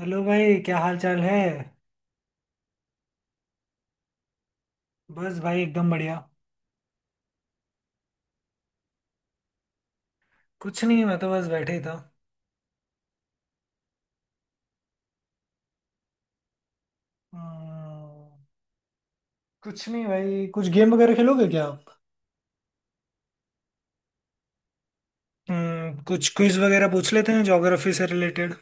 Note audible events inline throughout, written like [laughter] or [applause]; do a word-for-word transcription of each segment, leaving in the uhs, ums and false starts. Hello भाई क्या हाल चाल है। बस भाई एकदम बढ़िया। कुछ नहीं मैं तो बस बैठे ही था। हम्म, कुछ नहीं भाई कुछ गेम वगैरह खेलोगे क्या आप। हम्म, कुछ क्विज वगैरह पूछ लेते हैं ज्योग्राफी से रिलेटेड।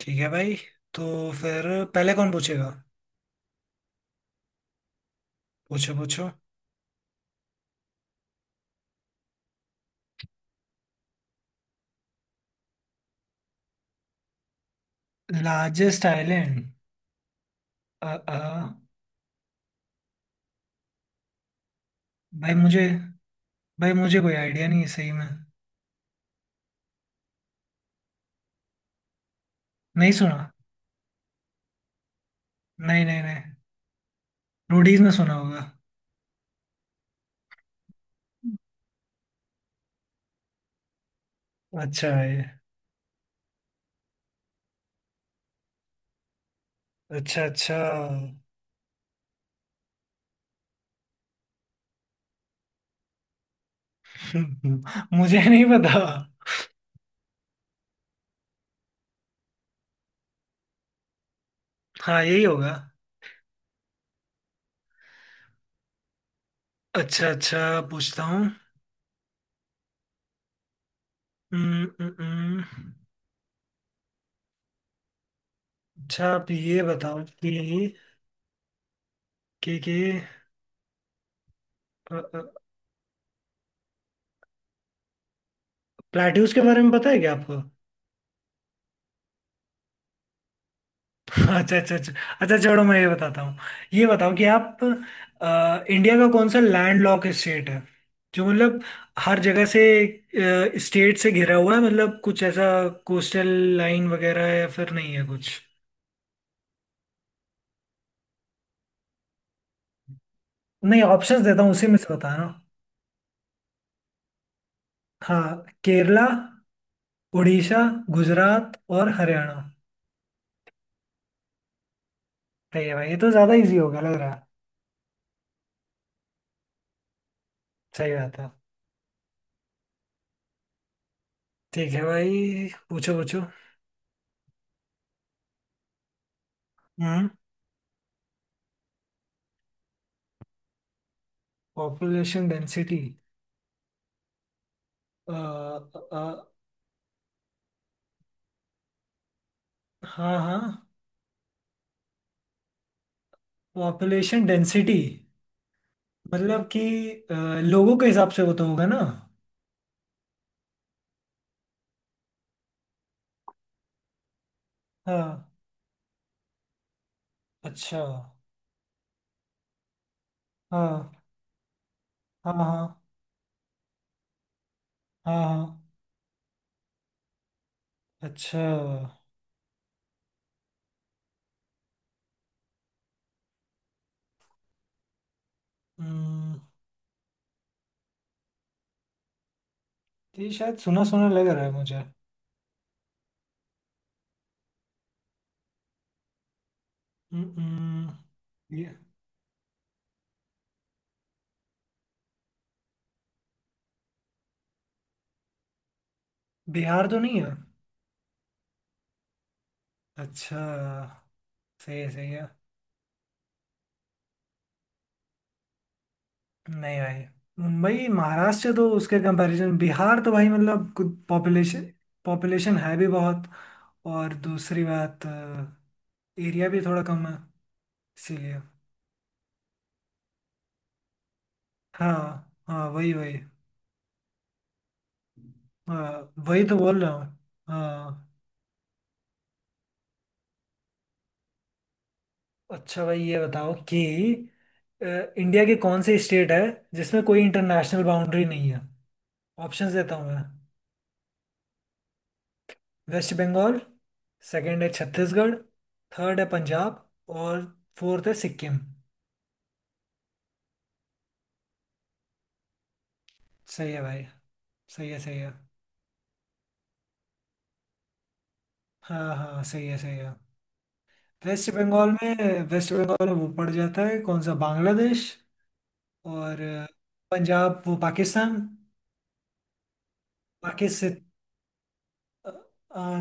ठीक है भाई। तो फिर पहले कौन पूछेगा। पूछो पूछो। Largest island. अ अ, भाई मुझे भाई मुझे कोई आइडिया नहीं है सही में। नहीं सुना। नहीं नहीं नहीं। रोडीज में सुना होगा। अच्छा है। अच्छा अच्छा। [laughs] मुझे नहीं पता। हाँ यही होगा। अच्छा अच्छा। पूछता हूँ। हम्म, हम्म, हम्म। अच्छा आप ये बताओ कि कि कि अ, अ, प्लेट्यूस के बारे में पता है क्या आपको। [laughs] अच्छा अच्छा अच्छा। अच्छा छोड़ो मैं ये बताता हूँ। ये बताओ कि आप अ, इंडिया का कौन सा लैंड लॉक स्टेट है, जो मतलब हर जगह से स्टेट से घिरा हुआ है, मतलब कुछ ऐसा कोस्टल लाइन वगैरह है या फिर नहीं है कुछ। नहीं ऑप्शंस देता हूँ उसी में से बताना। हाँ, केरला, उड़ीसा, गुजरात और हरियाणा। सही है भाई। ये तो ज्यादा इजी होगा लग रहा है। सही बात है। ठीक है भाई। पूछो पूछो। हम्म पॉपुलेशन डेंसिटी। आ, हाँ हाँ। पॉपुलेशन डेंसिटी मतलब कि अ, लोगों के हिसाब से वो तो होगा ना। हाँ। अच्छा। हाँ हाँ हाँ हाँ हाँ। अच्छा। हम्म ये शायद सुना सुना लग रहा है मुझे। हम्म हम्म, ये बिहार तो नहीं है। अच्छा। सही है सही है। नहीं भाई। मुंबई महाराष्ट्र तो उसके कंपैरिजन बिहार तो भाई मतलब कुछ पॉपुलेशन पॉपुलेशन है भी बहुत। और दूसरी बात एरिया भी थोड़ा कम है इसीलिए। हाँ हाँ। वही वही। हाँ वही तो बोल रहा हूँ। हाँ। अच्छा भाई ये बताओ कि अ, इंडिया के कौन से स्टेट है जिसमें कोई इंटरनेशनल बाउंड्री नहीं है। ऑप्शंस देता हूँ मैं। वेस्ट बंगाल। सेकंड है छत्तीसगढ़। थर्ड है पंजाब। और फोर्थ है सिक्किम। सही है भाई। सही है सही है। हाँ हाँ। सही है सही है। वेस्ट बंगाल में वेस्ट बंगाल में वो पड़ जाता है कौन सा बांग्लादेश। और अ, पंजाब वो पाकिस्तान। पाकिस्तान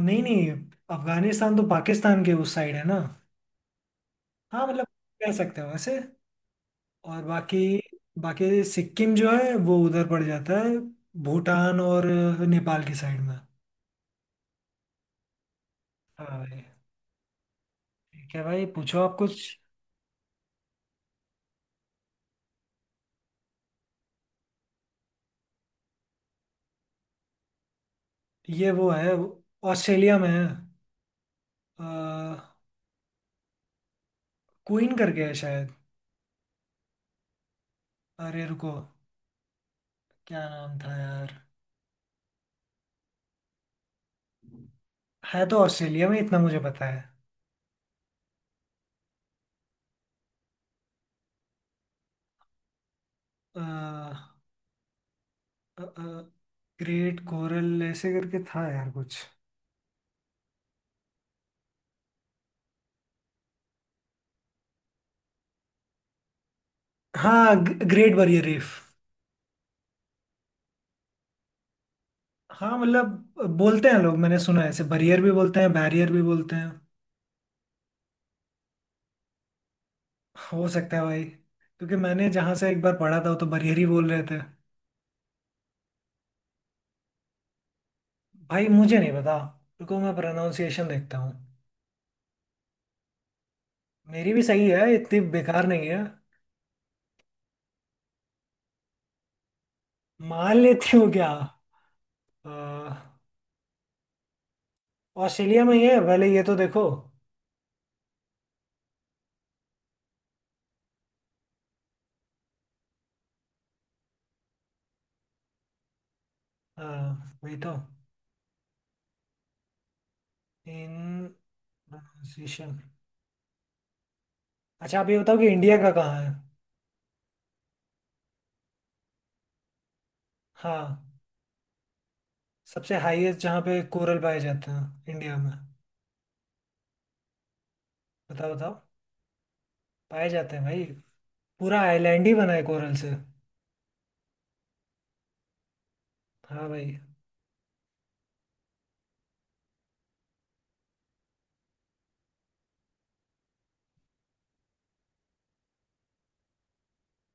नहीं नहीं। अफगानिस्तान तो पाकिस्तान के उस साइड है ना। हाँ मतलब कह सकते हो वैसे। और बाकी बाकी सिक्किम जो है वो उधर पड़ जाता है। भूटान और अ, नेपाल की साइड में। हाँ भाई। ठीक है भाई। पूछो आप कुछ। ये वो है। ऑस्ट्रेलिया में है। क्वीन करके है शायद। अरे रुको। क्या नाम था यार। है तो ऑस्ट्रेलिया में इतना मुझे पता है। ग्रेट कोरल ऐसे करके था यार कुछ। हाँ ग्रेट बैरियर रीफ। हाँ मतलब बोलते हैं लोग मैंने सुना है ऐसे। बैरियर भी बोलते हैं बैरियर भी बोलते हैं। हो सकता है भाई क्योंकि मैंने जहाँ से एक बार पढ़ा था वो तो बैरियर ही बोल रहे थे। भाई मुझे नहीं पता। रुको मैं प्रोनाउंसिएशन देखता हूँ। मेरी भी सही है इतनी बेकार नहीं है। मान लेती हूँ क्या। अ, ऑस्ट्रेलिया में ही है पहले ये तो देखो। अ, वही तो। इन प्रोनाउंसिएशन। अच्छा आप ये बताओ कि इंडिया का कहाँ है। हाँ। सबसे हाईएस्ट जहाँ पे कोरल पाए जाते हैं इंडिया में। बताओ बताओ। पाए जाते हैं भाई पूरा आइलैंड ही बना है कोरल से। हाँ भाई।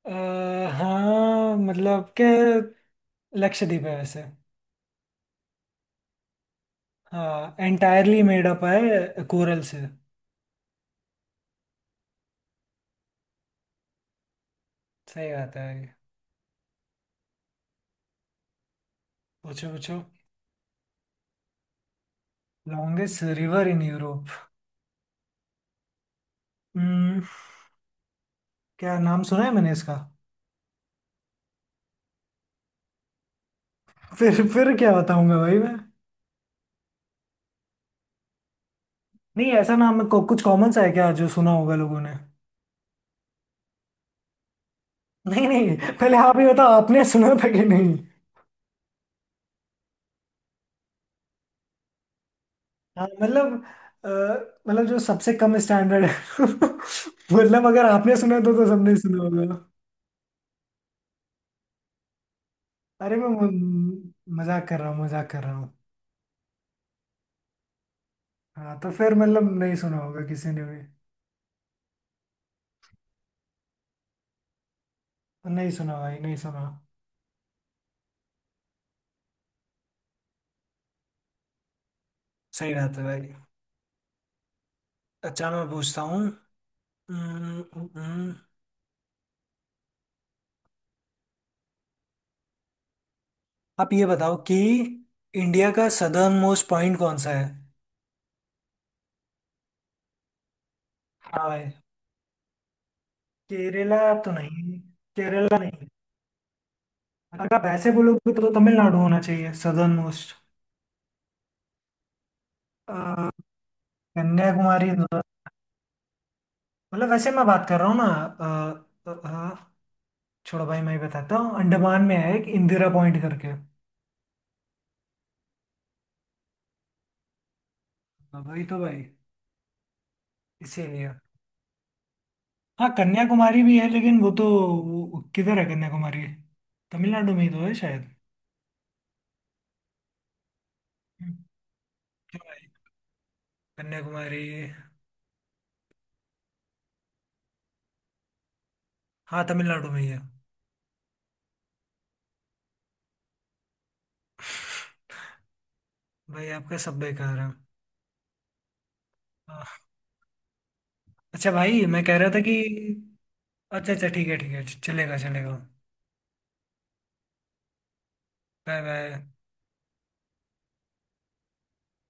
अ, हाँ मतलब क्या लक्षद्वीप है वैसे। हाँ एंटायरली मेड अप है कोरल से। सही बात है ये। पूछो पूछो। Longest river in Europe. हम्म। क्या नाम सुना है मैंने इसका। फिर फिर क्या बताऊंगा भाई मैं। नहीं ऐसा नाम है को, कुछ कॉमन सा है क्या जो सुना होगा लोगों ने। नहीं नहीं पहले आप ही बताओ आपने सुना था कि नहीं। हाँ मतलब अ, मतलब जो सबसे कम स्टैंडर्ड है। [laughs] मतलब अगर आपने सुना तो तो सबने सुना होगा। अरे मैं म- मजाक कर रहा हूँ मजाक कर रहा हूँ। हाँ तो फिर मतलब नहीं सुना होगा किसी ने भी। नहीं सुना भाई नहीं सुना। सही बात है भाई। अच्छा मैं पूछता हूँ। हम्म, हम्म, हम्म। आप ये बताओ कि इंडिया का सदर्न मोस्ट पॉइंट कौन सा है। हाँ भाई। केरला तो नहीं। केरला नहीं। अगर आप ऐसे बोलोगे तो तमिलनाडु होना चाहिए सदर्न मोस्ट। कन्याकुमारी तो- मतलब वैसे मैं बात कर रहा हूँ ना अ, तो, अ, हाँ। छोड़ो भाई मैं ही बताता हूँ अंडमान में है एक इंदिरा पॉइंट करके। हाँ, वही तो भाई। इसीलिए। हाँ कन्याकुमारी भी है लेकिन वो तो। वो किधर है कन्याकुमारी। तमिलनाडु में ही तो है शायद। हम्म, क्यों भाई। कन्याकुमारी। हाँ तमिलनाडु में ही है। भाई आपका सब बेकार है। हाँ, अच्छा भाई मैं कह रहा था कि। अच्छा अच्छा ठीक है ठीक है चलेगा चलेगा। Bye bye.